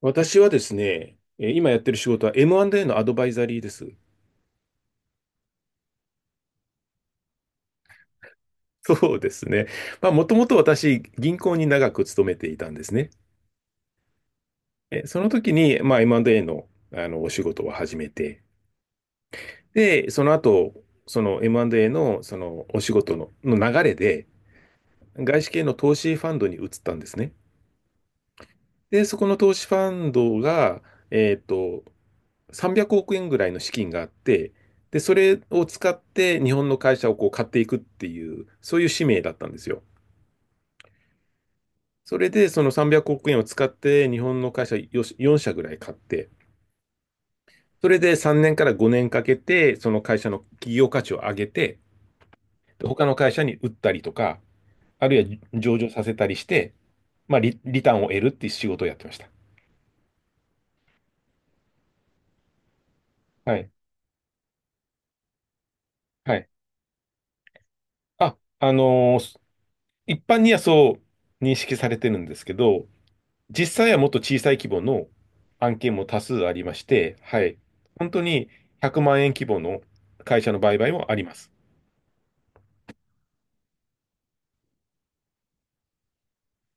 私はですね、今やってる仕事は M&A のアドバイザリーです。そうですね。まあ、もともと私、銀行に長く勤めていたんですね。その時に、まあ、M&A の、お仕事を始めて、で、その後、その M&A の、お仕事の流れで、外資系の投資ファンドに移ったんですね。で、そこの投資ファンドが、えっと、300億円ぐらいの資金があって、で、それを使って日本の会社をこう買っていくっていう、そういう使命だったんですよ。それで、その300億円を使って日本の会社4社ぐらい買って、それで3年から5年かけて、その会社の企業価値を上げて、で他の会社に売ったりとか、あるいは上場させたりして、まあ、リターンを得るっていう仕事をやってました。はい。はい。あ、あのー一般にはそう認識されてるんですけど、実際はもっと小さい規模の案件も多数ありまして、はい。本当に100万円規模の会社の売買もあります。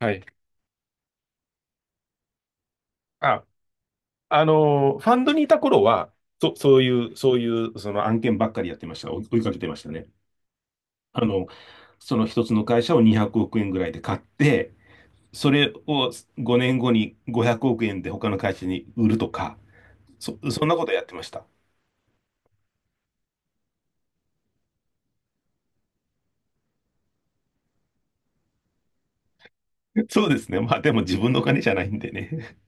はい。あ、ファンドにいた頃は、そ、そういう、そういう、その案件ばっかりやってました。追いかけてましたね。あの、その一つの会社を200億円ぐらいで買って、それを5年後に500億円で他の会社に売るとか、そんなことやってました。そうですね。まあでも自分のお金じゃないんでね。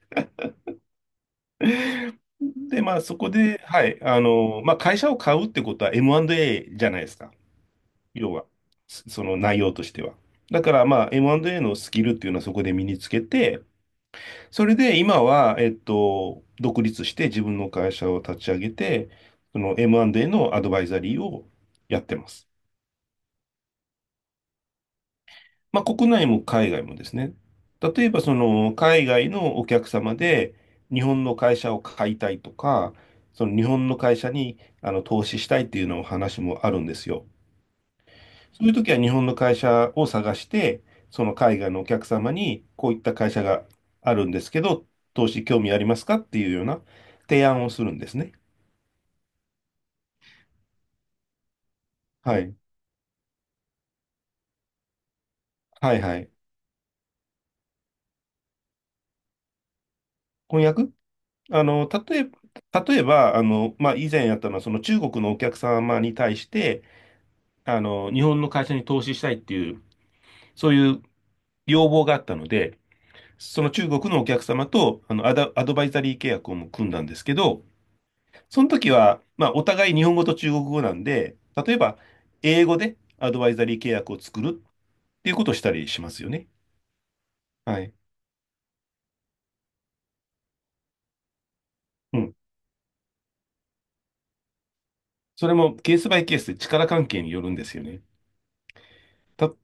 で、まあ、そこで、はい、まあ、会社を買うってことは M&A じゃないですか。要は、その内容としては。だから、まあ、M&A のスキルっていうのはそこで身につけて、それで今は、独立して自分の会社を立ち上げて、その M&A のアドバイザリーをやってます。まあ、国内も海外もですね。例えば、海外のお客様で、日本の会社を買いたいとか、その日本の会社に投資したいっていうのを話もあるんですよ。そういう時は日本の会社を探して、その海外のお客様にこういった会社があるんですけど、投資興味ありますかっていうような提案をするんですね。はい。はいはい。翻訳例えば、まあ、以前やったのは、その中国のお客様に対して、日本の会社に投資したいっていう、そういう要望があったので、その中国のお客様とアドバイザリー契約をも組んだんですけど、その時は、まあ、お互い日本語と中国語なんで、例えば、英語でアドバイザリー契約を作るっていうことをしたりしますよね。はい。うん。それもケースバイケースで力関係によるんですよね。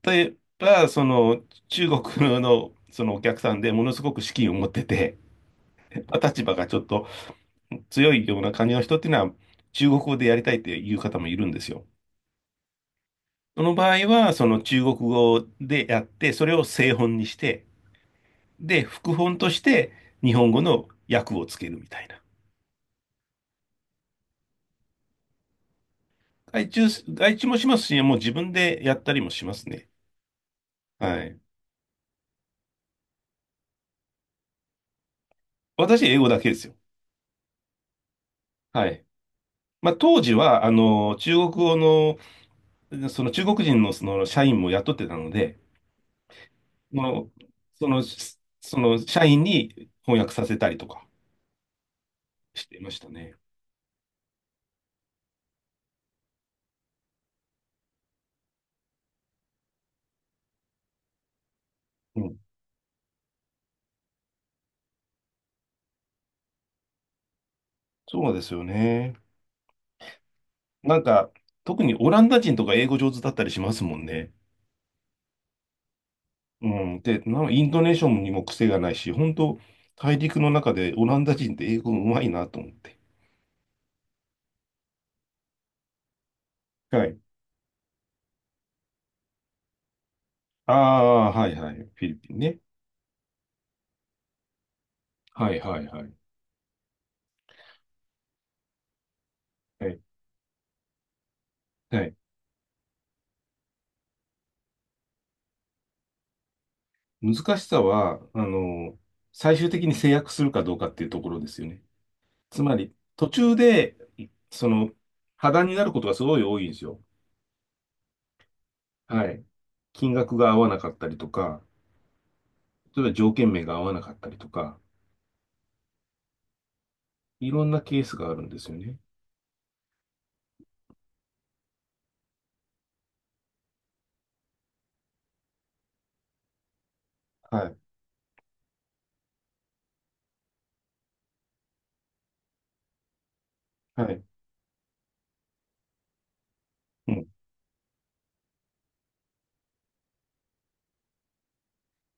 例えば、中国の、そのお客さんでものすごく資金を持ってて、立場がちょっと強いような感じの人っていうのは、中国語でやりたいっていう方もいるんですよ。その場合は、その中国語でやって、それを正本にして、で、副本として日本語の訳をつけるみたいな。外注、外注もしますし、もう自分でやったりもしますね。はい。私、英語だけですよ。はい。まあ、当時は、中国語の、その中国人のその社員も雇ってたので、その、その、その社員に翻訳させたりとかしてましたね。うん。そうですよね。なんか、特にオランダ人とか英語上手だったりしますもんね。うん。で、なんかイントネーションにも癖がないし、本当、大陸の中でオランダ人って英語うまいなと思って。はい。ああ、はいはい。フィリピンね。はいはいはい。はい。はい。難しさは、最終的に制約するかどうかっていうところですよね。つまり、途中で、いその、破談になることがすごい多いんですよ。はい。金額が合わなかったりとか、例えば条件名が合わなかったりとか、いろんなケースがあるんですよね。はい。はい。うん。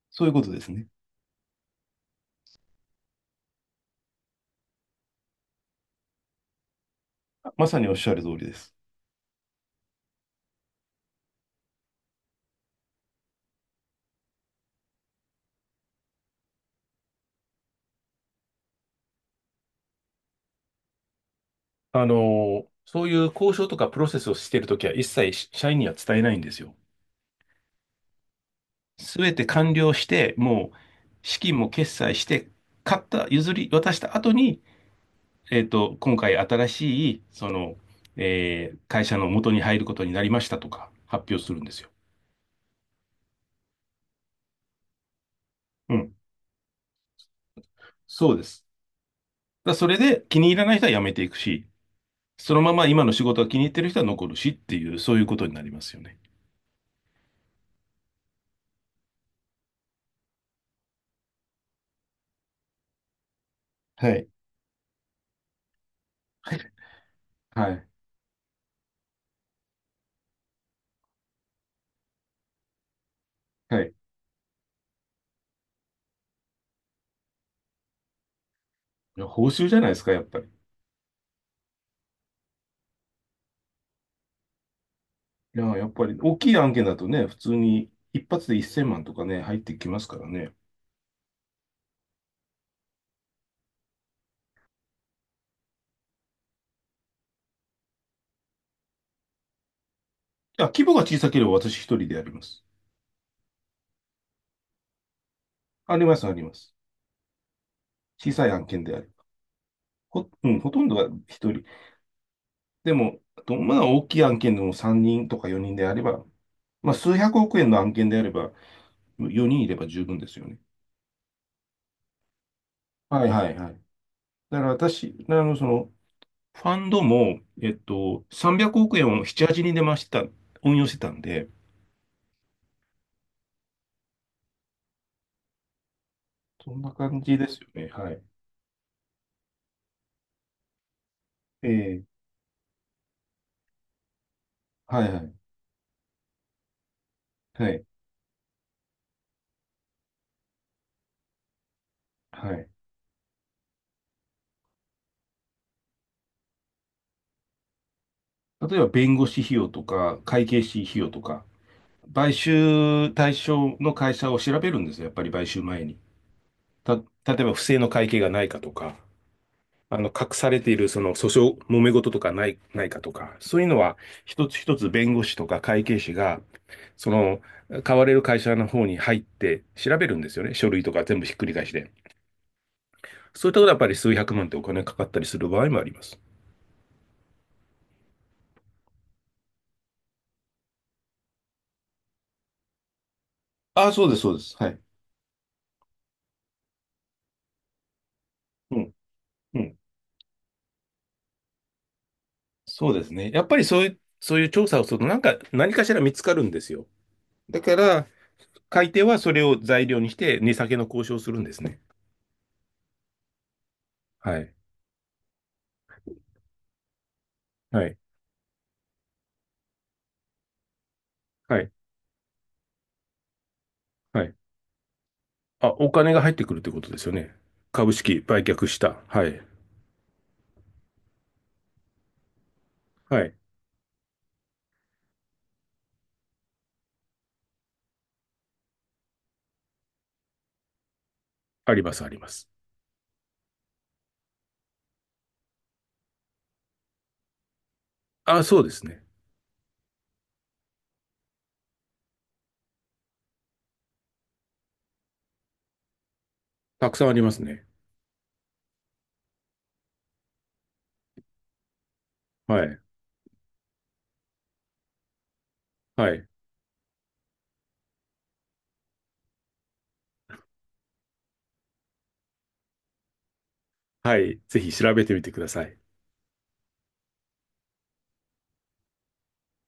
そういうことですね。まさにおっしゃる通りです。そういう交渉とかプロセスをしているときは一切社員には伝えないんですよ。すべて完了して、もう資金も決済して、買った、譲り渡した後に、今回新しい、会社の元に入ることになりましたとか発表するんですよ。うん。そうです。だからそれで気に入らない人は辞めていくし、そのまま今の仕事が気に入ってる人は残るしっていう、そういうことになりますよね。はい。はい。はい。いや、報酬じゃないですか、やっぱり。いや、やっぱり大きい案件だとね、普通に一発で1000万とかね、入ってきますからね。いや、規模が小さければ私一人でやります。あります、あります。小さい案件であれば。うん、ほとんどが一人。でも、あとまあ大きい案件でも3人とか4人であれば、まあ数百億円の案件であれば、4人いれば十分ですよね。はいはいはい。だから私、ファンドも、300億円を7、8に出ました、運用してたんで、そんな感じですよね。はい。ええ、はいはい。はい。はい。例えば、弁護士費用とか、会計士費用とか、買収対象の会社を調べるんですよ。やっぱり買収前に。例えば、不正の会計がないかとか、隠されている、訴訟、揉め事とかないかとか、そういうのは、一つ一つ弁護士とか会計士が、その、買われる会社の方に入って調べるんですよね。書類とか全部ひっくり返して。そういったことはやっぱり数百万ってお金かかったりする場合もあります。ああ、そうです、そうです。はい。うん、うん。そうですね。やっぱりそういう調査をすると、なんか、何かしら見つかるんですよ。だから、買い手はそれを材料にして、値下げの交渉をするんですね。はい。はい。はい。はい。あ、お金が入ってくるってことですよね。株式売却した。はい。はい。あります、あります。あ、そうですね。たくさんありますね。はい。はい。はい。ぜひ調べてみてください。